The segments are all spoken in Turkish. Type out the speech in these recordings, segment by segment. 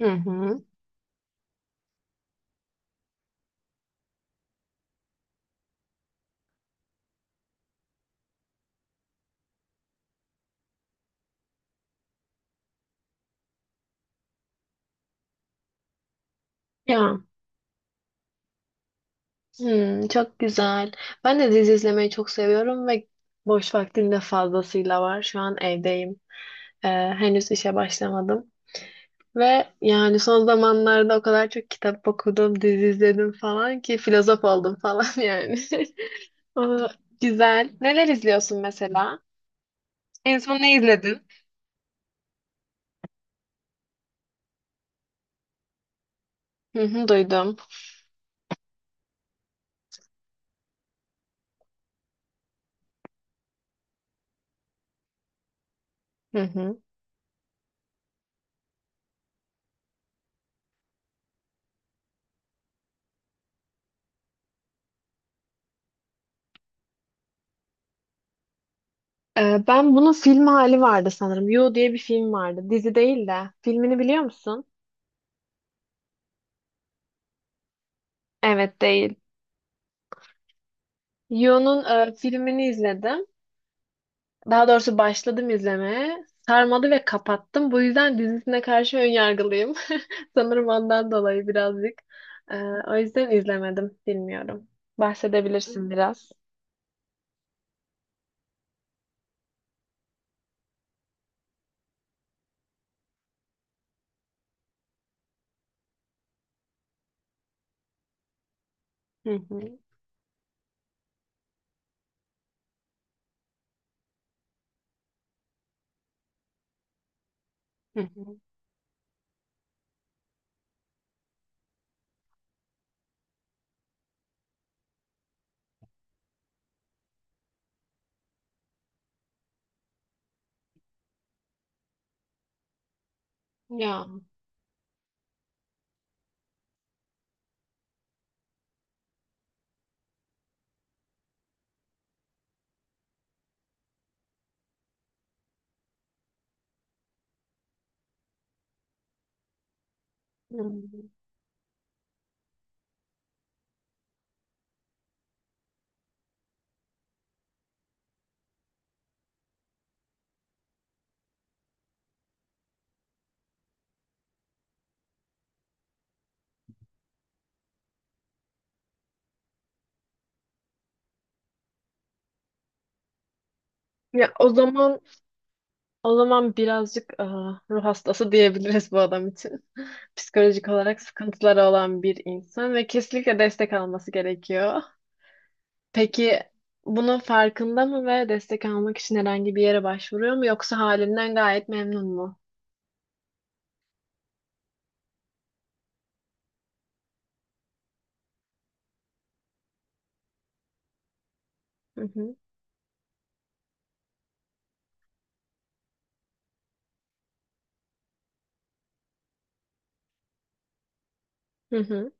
Hı hı. Ya, çok güzel. Ben de dizi izlemeyi çok seviyorum ve boş vaktim de fazlasıyla var. Şu an evdeyim. Ee, Henüz işe başlamadım. Ve yani son zamanlarda o kadar çok kitap okudum, dizi izledim falan ki filozof oldum falan yani. Aa, güzel. Neler izliyorsun mesela? En son ne izledin? Hı hı, duydum. Hı hı. Ben bunun film hali vardı sanırım. You diye bir film vardı. Dizi değil de. Filmini biliyor musun? Evet değil. Yo'nun filmini izledim. Daha doğrusu başladım izlemeye. Sarmadı ve kapattım. Bu yüzden dizisine karşı önyargılıyım. Sanırım ondan dolayı birazcık. E, O yüzden izlemedim. Bilmiyorum. Bahsedebilirsin biraz. Hı hı, hı hı. Ya. Hı. Ya o zaman birazcık ruh hastası diyebiliriz bu adam için. Psikolojik olarak sıkıntıları olan bir insan ve kesinlikle destek alması gerekiyor. Peki bunun farkında mı ve destek almak için herhangi bir yere başvuruyor mu yoksa halinden gayet memnun mu? Hı hı. Hı hı.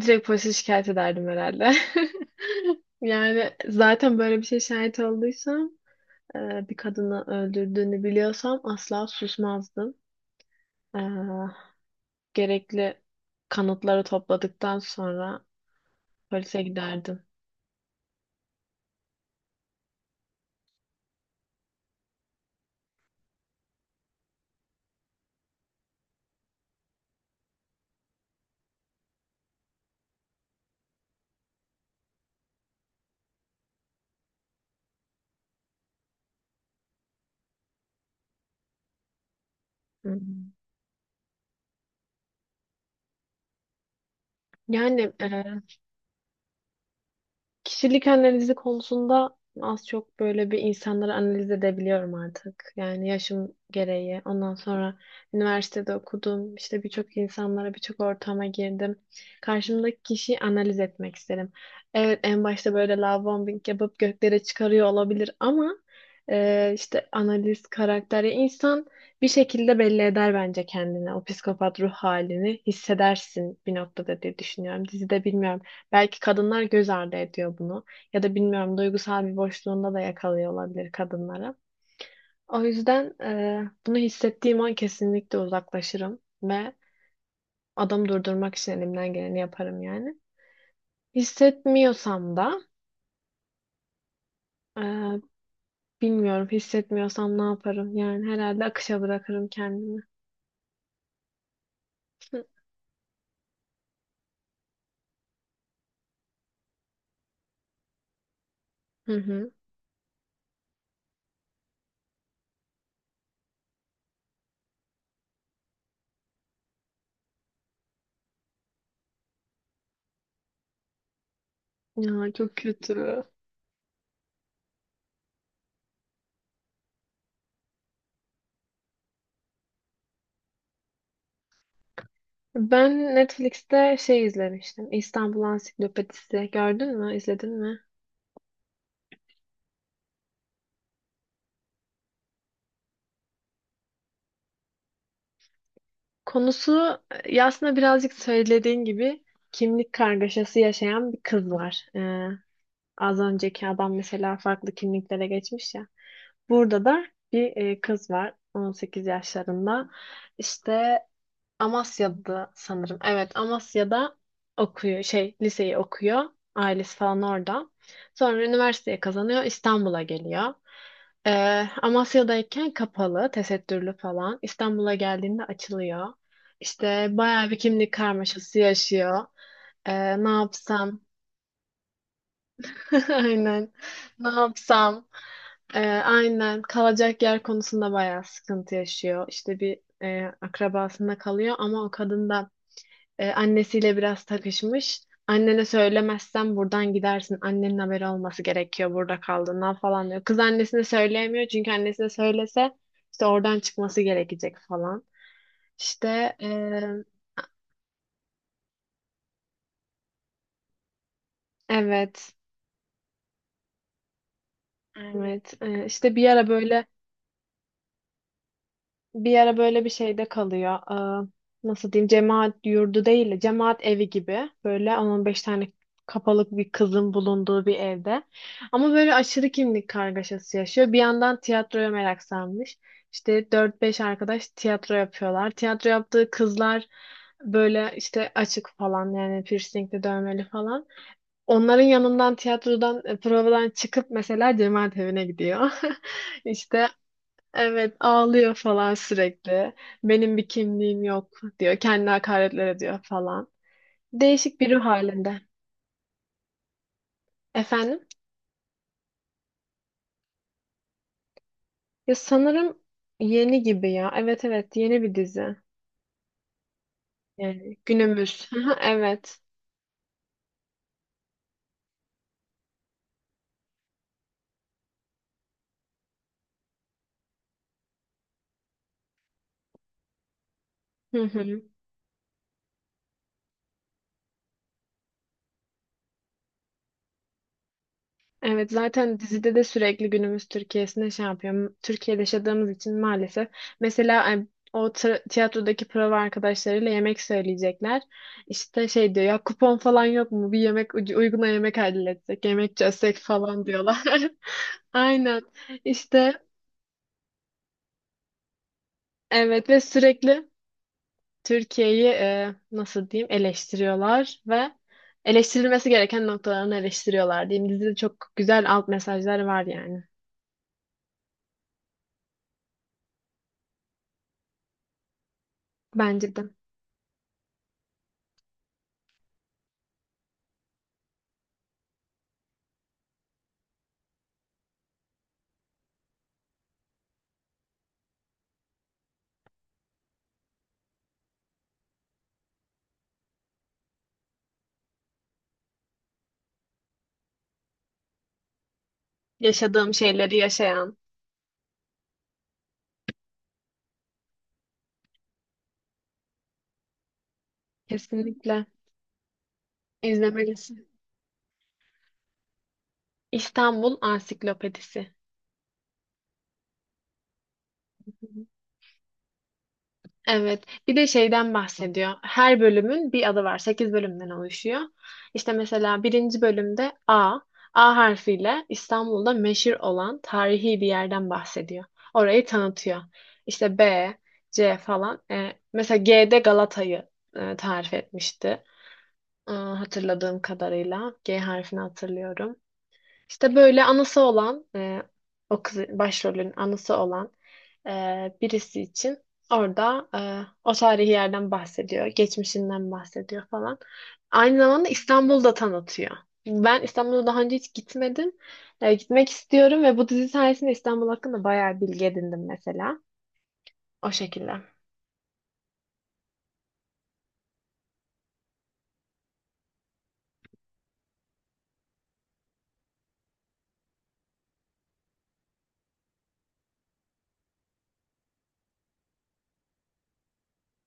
Direkt polise şikayet ederdim herhalde. Yani zaten böyle bir şey şahit olduysam, bir kadını öldürdüğünü biliyorsam asla susmazdım. E, Gerekli kanıtları topladıktan sonra polise giderdim. Hı hı. Yani, kişilik analizi konusunda az çok böyle bir insanları analiz edebiliyorum artık. Yani yaşım gereği. Ondan sonra üniversitede okudum. İşte birçok insanlara, birçok ortama girdim. Karşımdaki kişiyi analiz etmek isterim. Evet, en başta böyle love bombing yapıp göklere çıkarıyor olabilir ama işte analiz, karakter. Ya insan bir şekilde belli eder bence kendini. O psikopat ruh halini hissedersin bir noktada diye düşünüyorum. Dizide bilmiyorum. Belki kadınlar göz ardı ediyor bunu. Ya da bilmiyorum, duygusal bir boşluğunda da yakalıyor olabilir kadınları. O yüzden bunu hissettiğim an kesinlikle uzaklaşırım ve adamı durdurmak için elimden geleni yaparım yani. Hissetmiyorsam da e, bilmiyorum, hissetmiyorsam ne yaparım? Yani herhalde akışa bırakırım kendimi. Hı hı. Hı. Ya, çok kötü. Ben Netflix'te şey izlemiştim. İstanbul Ansiklopedisi. Gördün mü? İzledin mi? Konusu, aslında birazcık söylediğin gibi kimlik kargaşası yaşayan bir kız var. Az önceki adam mesela farklı kimliklere geçmiş ya. Burada da bir kız var, 18 yaşlarında. İşte Amasya'da sanırım. Evet, Amasya'da okuyor, şey liseyi okuyor. Ailesi falan orada. Sonra üniversiteye kazanıyor, İstanbul'a geliyor. Ee, Amasya'dayken kapalı, tesettürlü falan. İstanbul'a geldiğinde açılıyor. İşte bayağı bir kimlik karmaşası yaşıyor. Ne yapsam? Aynen. Ne yapsam? Ee, aynen. Kalacak yer konusunda bayağı sıkıntı yaşıyor. İşte bir akrabasında kalıyor ama o kadın da annesiyle biraz takışmış. Annene söylemezsen buradan gidersin. Annenin haberi olması gerekiyor, burada kaldığından falan diyor. Kız annesine söyleyemiyor çünkü annesine söylese işte oradan çıkması gerekecek falan. İşte, e, evet, evet, işte bir ara böyle bir şeyde kalıyor. Ee, Nasıl diyeyim? Cemaat yurdu değil de cemaat evi gibi. Böyle 10-15 tane kapalık bir kızın bulunduğu bir evde. Ama böyle aşırı kimlik kargaşası yaşıyor. Bir yandan tiyatroya merak sarmış. İşte dört beş arkadaş tiyatro yapıyorlar. Tiyatro yaptığı kızlar böyle işte açık falan, yani piercingli, dövmeli falan. Onların yanından, tiyatrodan provadan çıkıp mesela cemaat evine gidiyor. İşte, evet, ağlıyor falan sürekli. Benim bir kimliğim yok diyor. Kendi hakaretler ediyor falan. Değişik bir ruh halinde. Efendim? Ya sanırım yeni gibi ya. Evet, evet, yeni bir dizi. Yani günümüz. Hı, evet. Hı hı. Evet, zaten dizide de sürekli günümüz Türkiye'sine şey yapıyor. Türkiye'de yaşadığımız için maalesef. Mesela o tiyatrodaki prova arkadaşlarıyla yemek söyleyecekler. İşte şey diyor ya, kupon falan yok mu? Bir yemek uyguna yemek halletsek, yemek çözsek falan diyorlar. Aynen. İşte, evet, ve sürekli Türkiye'yi nasıl diyeyim eleştiriyorlar ve eleştirilmesi gereken noktalarını eleştiriyorlar diyeyim. Dizide çok güzel alt mesajlar var yani. Bence de. Yaşadığım şeyleri yaşayan. Kesinlikle izlemelisin. İstanbul Ansiklopedisi. Hı hı. Evet. Bir de şeyden bahsediyor. Her bölümün bir adı var. 8 bölümden oluşuyor. İşte mesela birinci bölümde A, A harfiyle İstanbul'da meşhur olan tarihi bir yerden bahsediyor. Orayı tanıtıyor. İşte B, C falan. Mesela G'de Galata'yı tarif etmişti. Hatırladığım kadarıyla. G harfini hatırlıyorum. İşte böyle anası olan o kız başrolün anası olan e, birisi için orada o tarihi yerden bahsediyor. Geçmişinden bahsediyor falan. Aynı zamanda İstanbul'da tanıtıyor. Ben İstanbul'a daha önce hiç gitmedim. Gitmek istiyorum ve bu dizi sayesinde İstanbul hakkında bayağı bilgi edindim mesela. O şekilde.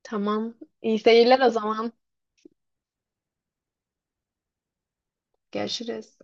Tamam. İyi seyirler o zaman. Görüşürüz.